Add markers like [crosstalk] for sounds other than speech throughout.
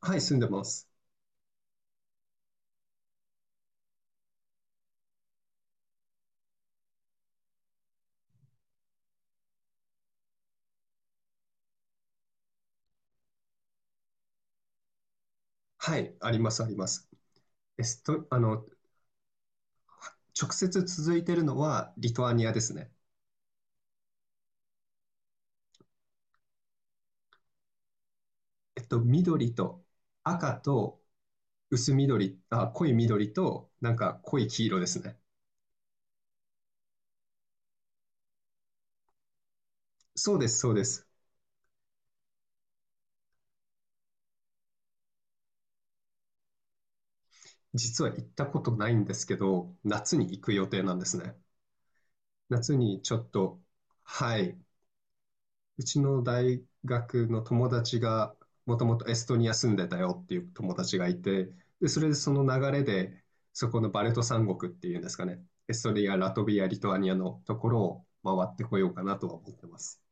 はい、住んでます。はい、あります、あります。エスト、あの、直接続いてるのはリトアニアですね。緑と赤と薄緑、あ、濃い緑となんか濃い黄色ですね。そうです、そうです。実は行ったことないんですけど、夏に行く予定なんですね。夏にちょっと、はい、うちの大学の友達が、もともとエストニア住んでたよっていう友達がいて、で、それでその流れで、そこのバルト三国っていうんですかね、エストニア、ラトビア、リトアニアのところを回ってこようかなとは思ってます。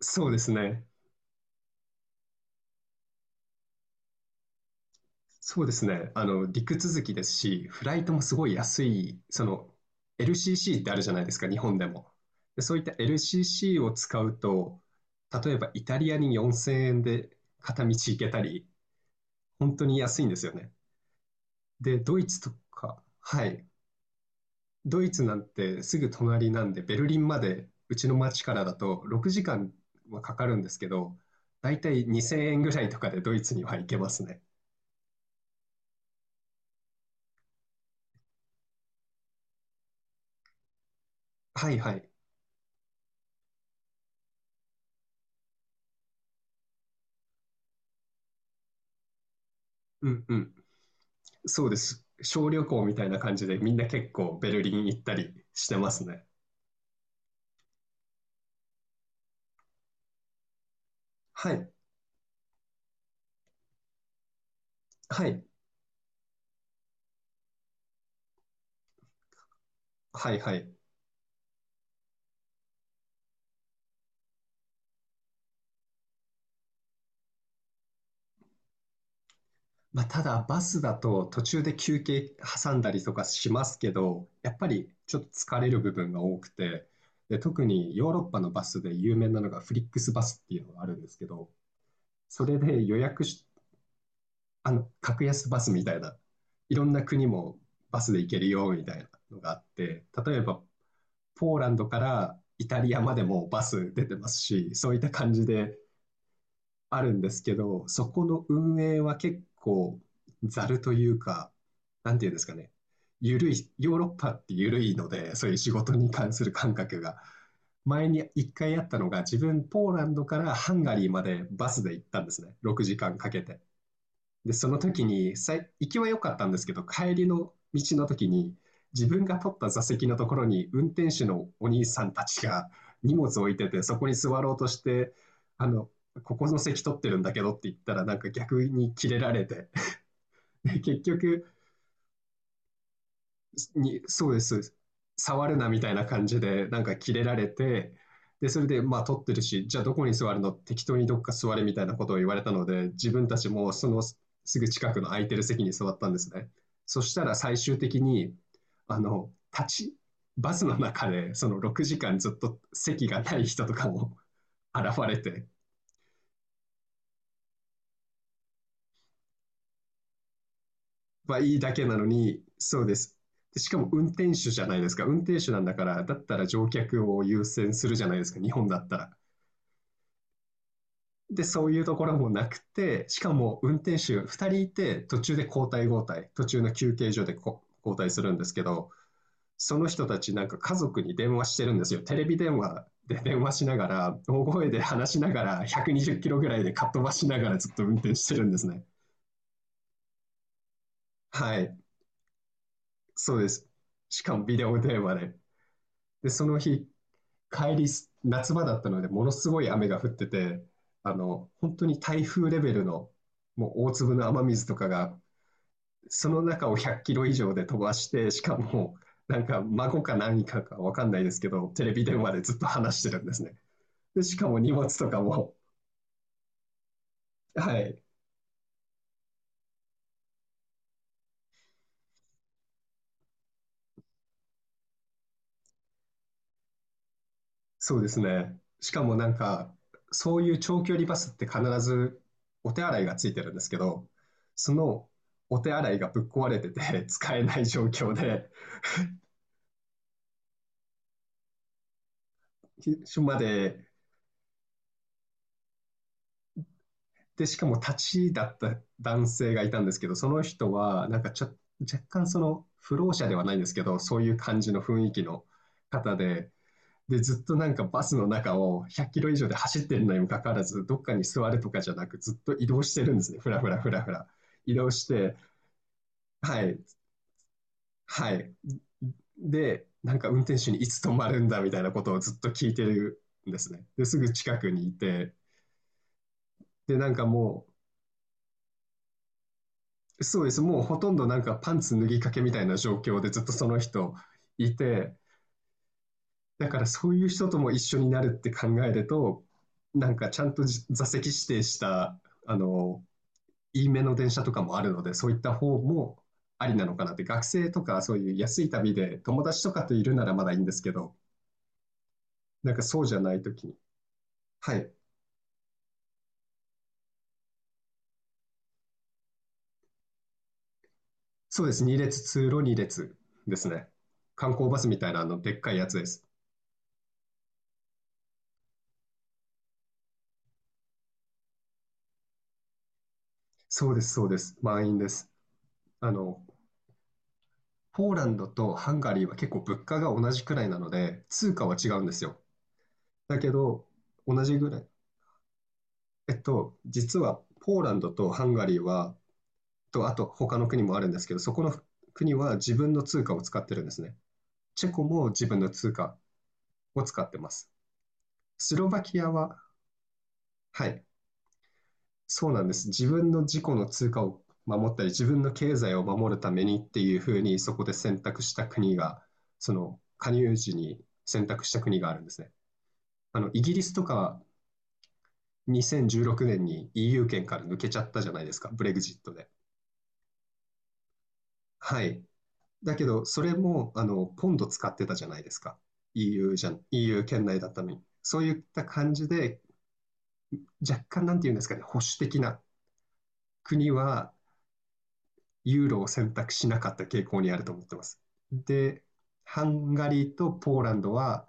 そうですね。そうですね。陸続きですし、フライトもすごい安い、その、LCC ってあるじゃないですか、日本でも。で、そういった LCC を使うと、例えばイタリアに4000円で片道行けたり、本当に安いんですよね。で、ドイツとか、はい。ドイツなんてすぐ隣なんで、ベルリンまで、うちの町からだと6時間はかかるんですけど、だいたい2000円ぐらいとかでドイツには行けますね。はいはい。うんうん。そうです。小旅行みたいな感じで、みんな結構ベルリン行ったりしてますね。はい。はい。はいはい。まあ、ただバスだと途中で休憩挟んだりとかしますけど、やっぱりちょっと疲れる部分が多くて、で、特にヨーロッパのバスで有名なのがフリックスバスっていうのがあるんですけど、それで予約し、あの、格安バスみたいな、いろんな国もバスで行けるよみたいなのがあって、例えばポーランドからイタリアまでもバス出てますし、そういった感じであるんですけど、そこの運営は結構ざるというか、なんていうんですかね、緩い、ヨーロッパって緩いので、そういう仕事に関する感覚が。前に一回あったのが、自分ポーランドからハンガリーまでバスで行ったんですね。6時間かんかけて。で、その時に、さい行きは良かったんですけど、帰りの道の時に、自分が取った座席のところに、運転手のお兄さんたちが荷物を置いてて、そこに座ろうとして、あの、ここの席取ってるんだけどって言ったら、なんか逆にキレられて、[laughs] で結局、そうです、そうです。触るなみたいな感じで、なんかキレられて、で、それで、まあ、取ってるし、じゃあどこに座るの適当にどっか座れみたいなことを言われたので、自分たちもそのすぐ近くの空いてる席に座ったんですね。そしたら最終的に、あの、立ち、バスの中で、その6時間ずっと席がない人とかも [laughs] 現れて、はいいだけなのに、そうです。でしかも運転手じゃないですか。運転手なんだから、だったら乗客を優先するじゃないですか、日本だったら。で、そういうところもなくて、しかも運転手2人いて、途中で交代交代、途中の休憩所でこ交代するんですけど、その人たちなんか家族に電話してるんですよ。テレビ電話で電話しながら、大声で話しながら、120キロぐらいでかっ飛ばしながらずっと運転してるんですね。はい、そうです。しかもビデオ電話で。で、その日、帰り夏場だったので、ものすごい雨が降ってて、本当に台風レベルの、もう大粒の雨水とかが、その中を100キロ以上で飛ばして、しかも、なんか孫か何かかわかんないですけど、テレビ電話でずっと話してるんですね。で、しかも荷物とかも、はい、そうですね。しかもなんか、そういう長距離バスって必ずお手洗いがついてるんですけど、そのお手洗いがぶっ壊れてて [laughs] 使えない状況で、署まで、で、しかも立ちだった男性がいたんですけど、その人は、なんかちょ、若干その、不老者ではないんですけど、そういう感じの雰囲気の方で、で、ずっとなんかバスの中を100キロ以上で走ってるのにもかかわらず、どっかに座るとかじゃなく、ずっと移動してるんですね。ふらふらふらふら。移動して、はい、はい。で、なんか運転手にいつ止まるんだみたいなことをずっと聞いてるんですね。で、すぐ近くにいて、で、なんかもう、そうです。もうほとんどなんかパンツ脱ぎかけみたいな状況でずっとその人いて、だからそういう人とも一緒になるって考えると、なんかちゃんと座席指定した、あの、いいめの電車とかもあるので、そういった方もありなのかなって、学生とかそういう安い旅で友達とかといるならまだいいんですけど、なんかそうじゃない時に。はい。そうです。2列、通路2列ですね。観光バスみたいなでっかいやつです。そうです、そうです。満員です。あの、ポーランドとハンガリーは結構物価が同じくらいなので、通貨は違うんですよ。だけど、同じぐらい。実はポーランドとハンガリーは、あと他の国もあるんですけど、そこの国は自分の通貨を使ってるんですね。チェコも自分の通貨を使ってます。スロバキアは、はい、そうなんです。自分の自己の通貨を守ったり、自分の経済を守るためにっていうふうに、そこで選択した国が、その加入時に選択した国があるんですね。イギリスとか2016年に EU 圏から抜けちゃったじゃないですか、ブレグジットで。はい。だけど、それも、ポンド使ってたじゃないですか。EU じゃん、EU 圏内だったのに。そういった感じで、若干なんていうんですかね、保守的な国はユーロを選択しなかった傾向にあると思ってます。で、ハンガリーとポーランドは、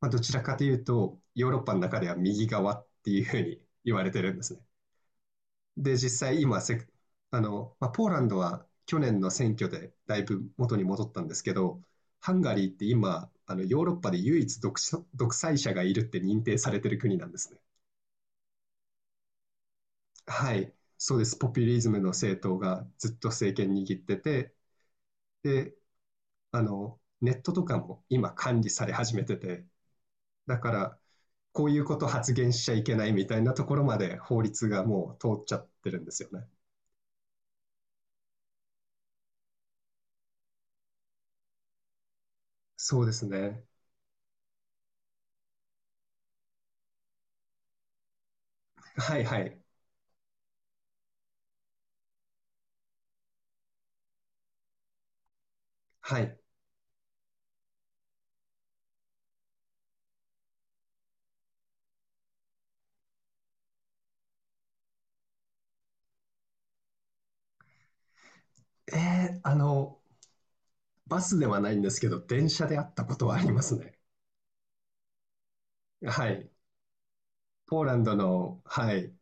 まあ、どちらかというと、ヨーロッパの中では右側っていうふうに言われてるんですね。で、実際今せ、あの、まあ、ポーランドは去年の選挙でだいぶ元に戻ったんですけど、ハンガリーって今、あのヨーロッパで唯一独所独裁者がいるって認定されてる国なんですね。はい、そうです。ポピュリズムの政党がずっと政権握ってて、で、ネットとかも今管理され始めてて、だから、こういうこと発言しちゃいけないみたいなところまで法律がもう通っちゃってるんですよね。そうですね。はいはい。はい。えー、バスではないんですけど、電車で会ったことはありますね。はい。ポーランドの、はい、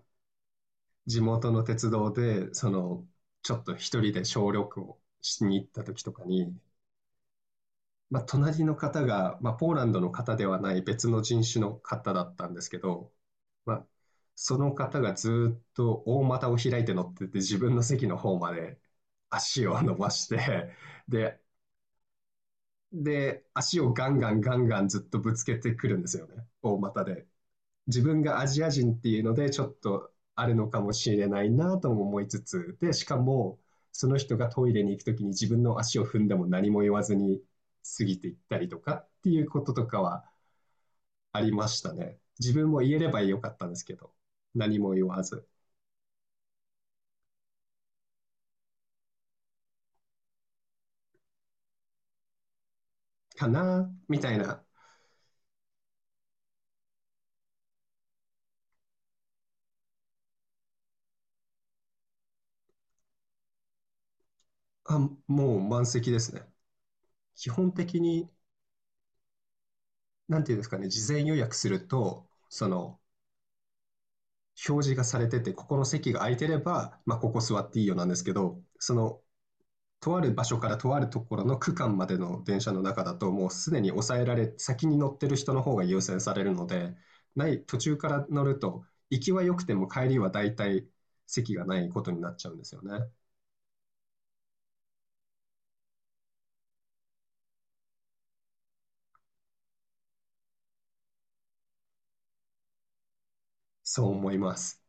地元の鉄道で、その、ちょっと一人で小旅行しに行った時とかに、まあ、隣の方が、まあ、ポーランドの方ではない別の人種の方だったんですけど、まあ、その方がずーっと大股を開いて乗ってて、自分の席の方まで足を伸ばして、で、で、足をガンガンガンガンずっとぶつけてくるんですよね。大股で。自分がアジア人っていうので、ちょっとあるのかもしれないなとも思いつつ、で、しかも、その人がトイレに行くときに自分の足を踏んでも何も言わずに過ぎていったりとかっていうこととかはありましたね。自分も言えればよかったんですけど、何も言わず。かなみたいな。あ、もう満席ですね。基本的に、なんていうんですかね、事前予約すると、その、表示がされてて、ここの席が空いてれば、まあ、ここ座っていいよなんですけど、その、とある場所からとあるところの区間までの電車の中だと、もうすでに抑えられ、先に乗ってる人の方が優先されるので、ない、途中から乗ると、行きは良くても帰りは大体席がないことになっちゃうんですよね。そう思います。